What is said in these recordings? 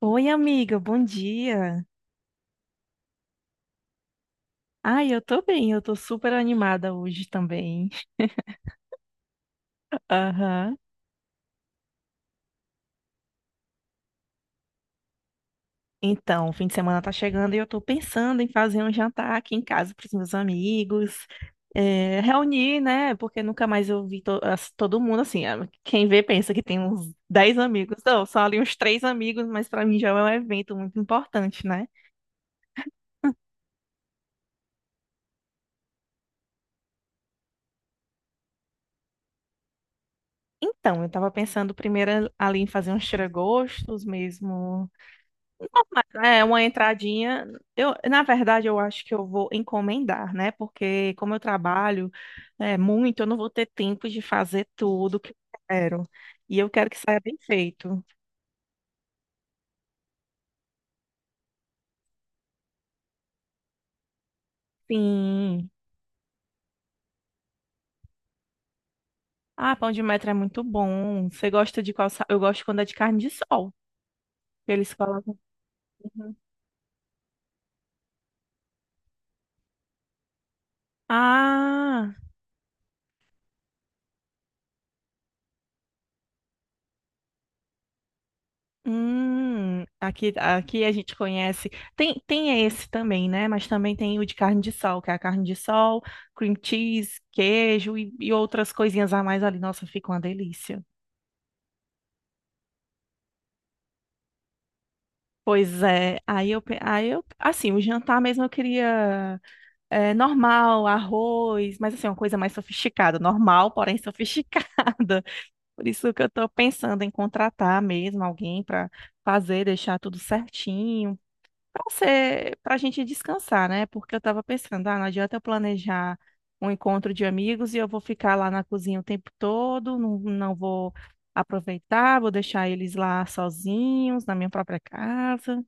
Oi, amiga, bom dia. Ai, eu tô bem, eu tô super animada hoje também. Aham. Então, o fim de semana tá chegando e eu tô pensando em fazer um jantar aqui em casa pros meus amigos, reunir, né? Porque nunca mais eu vi todo mundo assim. Quem vê pensa que tem uns 10 amigos. Não, são ali uns 3 amigos, mas pra mim já é um evento muito importante, né? Então, eu tava pensando primeiro ali em fazer uns tiragostos mesmo. É uma entradinha. Na verdade, eu acho que eu vou encomendar, né? Porque como eu trabalho muito, eu não vou ter tempo de fazer tudo que eu quero. E eu quero que saia bem feito. Sim. Ah, pão de metro é muito bom. Você gosta de qual? Eu gosto quando é de carne de sol que eles colocam. Ah, hum, aqui a gente conhece. Tem esse também, né? Mas também tem o de carne de sol, que é a carne de sol, cream cheese, queijo e outras coisinhas a mais ali. Nossa, fica uma delícia. Pois é, aí eu, assim, o jantar mesmo eu queria normal, arroz, mas assim, uma coisa mais sofisticada, normal, porém sofisticada. Por isso que eu tô pensando em contratar mesmo alguém para fazer, deixar tudo certinho. Pra ser, pra gente descansar, né? Porque eu tava pensando, ah, não adianta eu planejar um encontro de amigos e eu vou ficar lá na cozinha o tempo todo, não, não vou aproveitar, vou deixar eles lá sozinhos, na minha própria casa.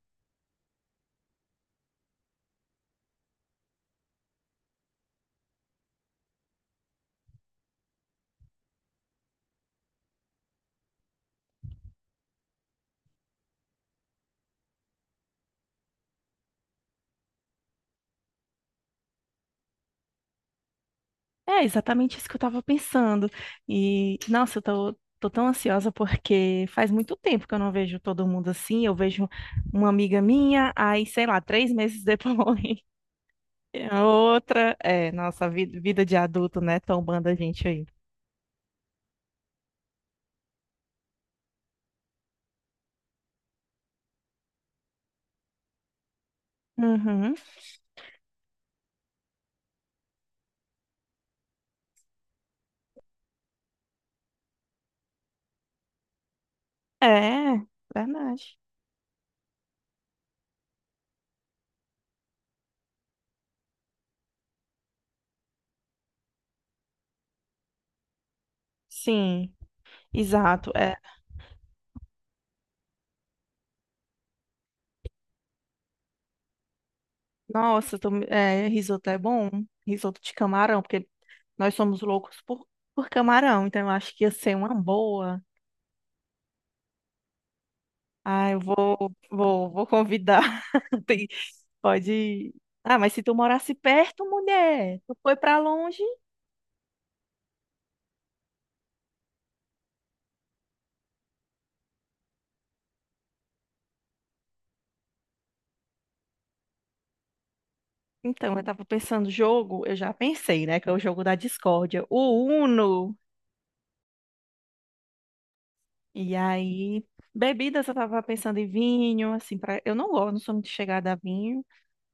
É exatamente isso que eu tava pensando. E nossa, eu tô, tô tão ansiosa porque faz muito tempo que eu não vejo todo mundo assim. Eu vejo uma amiga minha, aí, sei lá, 3 meses depois. A outra, é, nossa, vida, vida de adulto, né? Tombando a gente aí. Uhum. É, verdade. Sim, exato. É. Nossa, risoto é bom. Risoto de camarão, porque nós somos loucos por camarão, então eu acho que ia ser uma boa. Ah, eu vou convidar. Tem- pode. Ah, mas se tu morasse perto, mulher, tu foi pra longe? Então, eu tava pensando, jogo, eu já pensei, né? Que é o jogo da discórdia. O Uno. E aí, bebidas, eu tava pensando em vinho, assim, para eu não gosto, não sou muito chegada a vinho.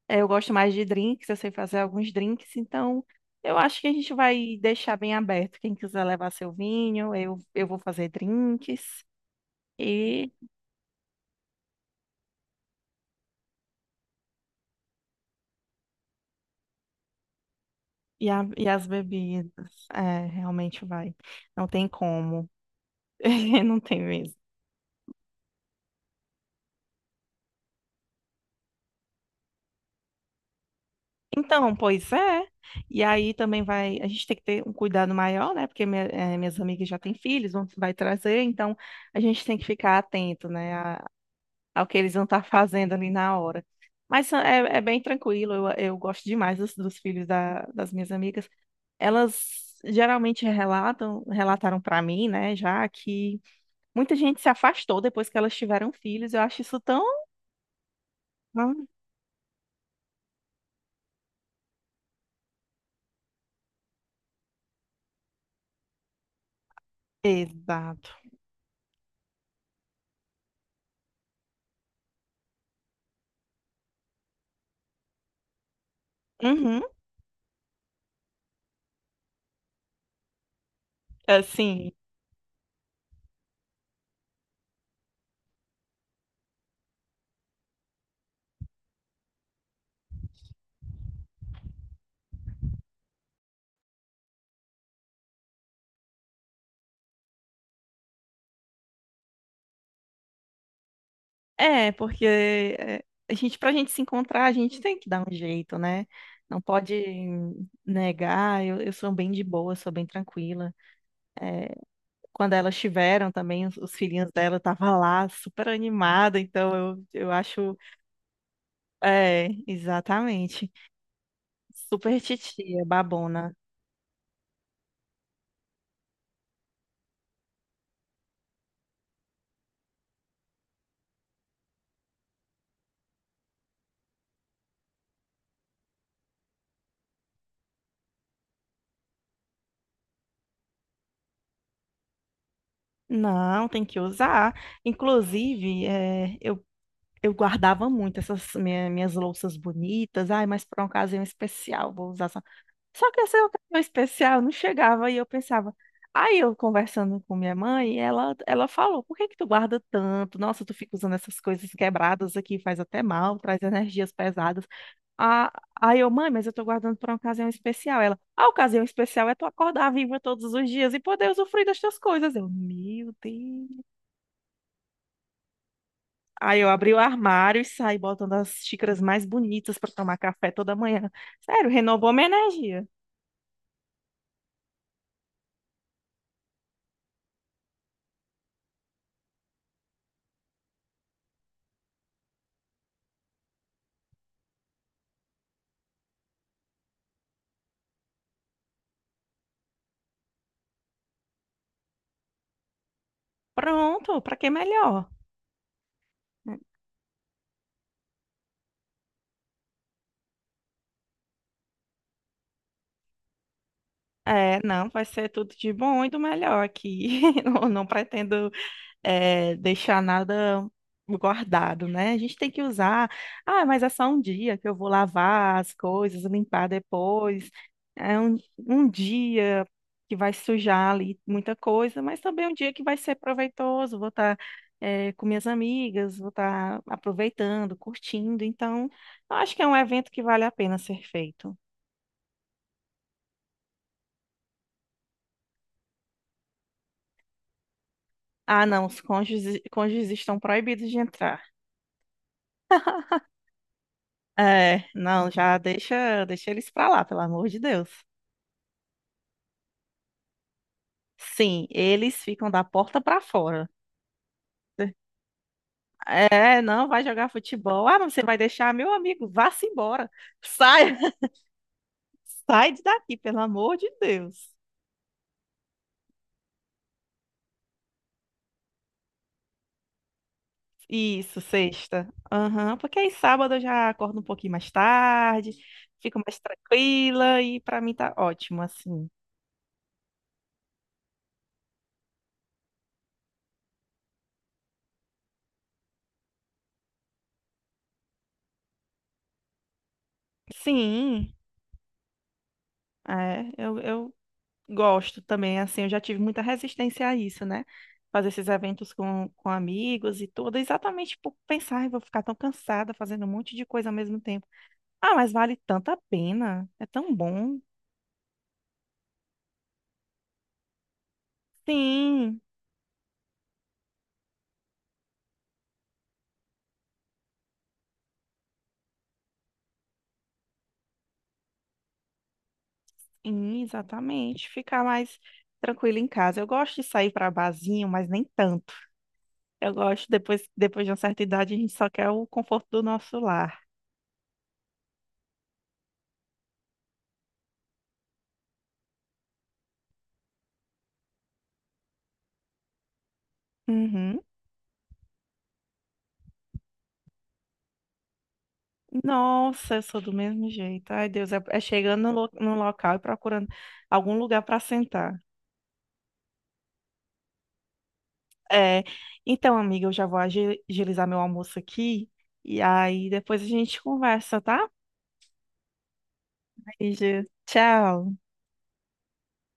É, eu gosto mais de drinks, eu sei fazer alguns drinks, então eu acho que a gente vai deixar bem aberto. Quem quiser levar seu vinho, eu vou fazer drinks e, e as bebidas. É, realmente vai. Não tem como. Não tem mesmo. Então, pois é. E aí também vai, a gente tem que ter um cuidado maior, né? Porque minhas amigas já têm filhos, vão, vai trazer, então a gente tem que ficar atento, né? Ao que eles vão estar fazendo ali na hora. Mas é, é bem tranquilo, eu gosto demais dos filhos das minhas amigas. Elas geralmente relataram para mim, né, já que muita gente se afastou depois que elas tiveram filhos. Eu acho isso tão. Ah, exato. Uhum, assim. É, porque é, a gente, pra gente se encontrar, a gente tem que dar um jeito, né? Não pode negar. Eu sou bem de boa, sou bem tranquila. Quando elas tiveram também, os filhinhos dela eu tava lá, super animada. Então eu acho. É, exatamente. Super titia, babona. Não, tem que usar. Inclusive, eu guardava muito essas minhas louças bonitas. Ai, mas para uma ocasião especial, vou usar. Só que essa ocasião especial não chegava e eu pensava. Aí eu conversando com minha mãe, ela falou: por que que tu guarda tanto? Nossa, tu fica usando essas coisas quebradas aqui, faz até mal, traz energias pesadas. Ah, aí eu, mãe, mas eu tô guardando pra uma ocasião especial. Ela, a ocasião especial é tu acordar viva todos os dias e poder usufruir das tuas coisas. Eu, meu Deus. Aí eu abri o armário e saí botando as xícaras mais bonitas pra tomar café toda manhã. Sério, renovou minha energia. Pronto, pra que melhor? É, não, vai ser tudo de bom e do melhor aqui. Não, não pretendo, deixar nada guardado, né? A gente tem que usar. Ah, mas é só um dia que eu vou lavar as coisas, limpar depois. É um dia que vai sujar ali muita coisa, mas também um dia que vai ser proveitoso. Vou estar, com minhas amigas, vou estar aproveitando, curtindo. Então, eu acho que é um evento que vale a pena ser feito. Ah, não, os cônjuges, cônjuges estão proibidos de entrar. É, não, já deixa eles pra lá, pelo amor de Deus. Sim, eles ficam da porta pra fora. É, não, vai jogar futebol. Ah, mas você vai deixar meu amigo, vá-se embora. Sai, sai daqui, pelo amor de Deus. Isso, sexta. Aham, porque aí sábado eu já acordo um pouquinho mais tarde, fico mais tranquila e pra mim tá ótimo, assim. Sim, eu gosto também, assim, eu já tive muita resistência a isso, né? Fazer esses eventos com amigos e tudo, exatamente por pensar, "Ai, vou ficar tão cansada fazendo um monte de coisa ao mesmo tempo. Ah, mas vale tanta pena, é tão bom. Sim, sim, exatamente, ficar mais tranquila em casa. Eu gosto de sair para barzinho, mas nem tanto. Eu gosto, depois, depois de uma certa idade, a gente só quer o conforto do nosso lar. Uhum. Nossa, eu sou do mesmo jeito. Ai, Deus, é, é chegando no no local e procurando algum lugar para sentar. É, então, amiga, eu já vou agilizar meu almoço aqui e aí depois a gente conversa, tá? Beijo. Tchau.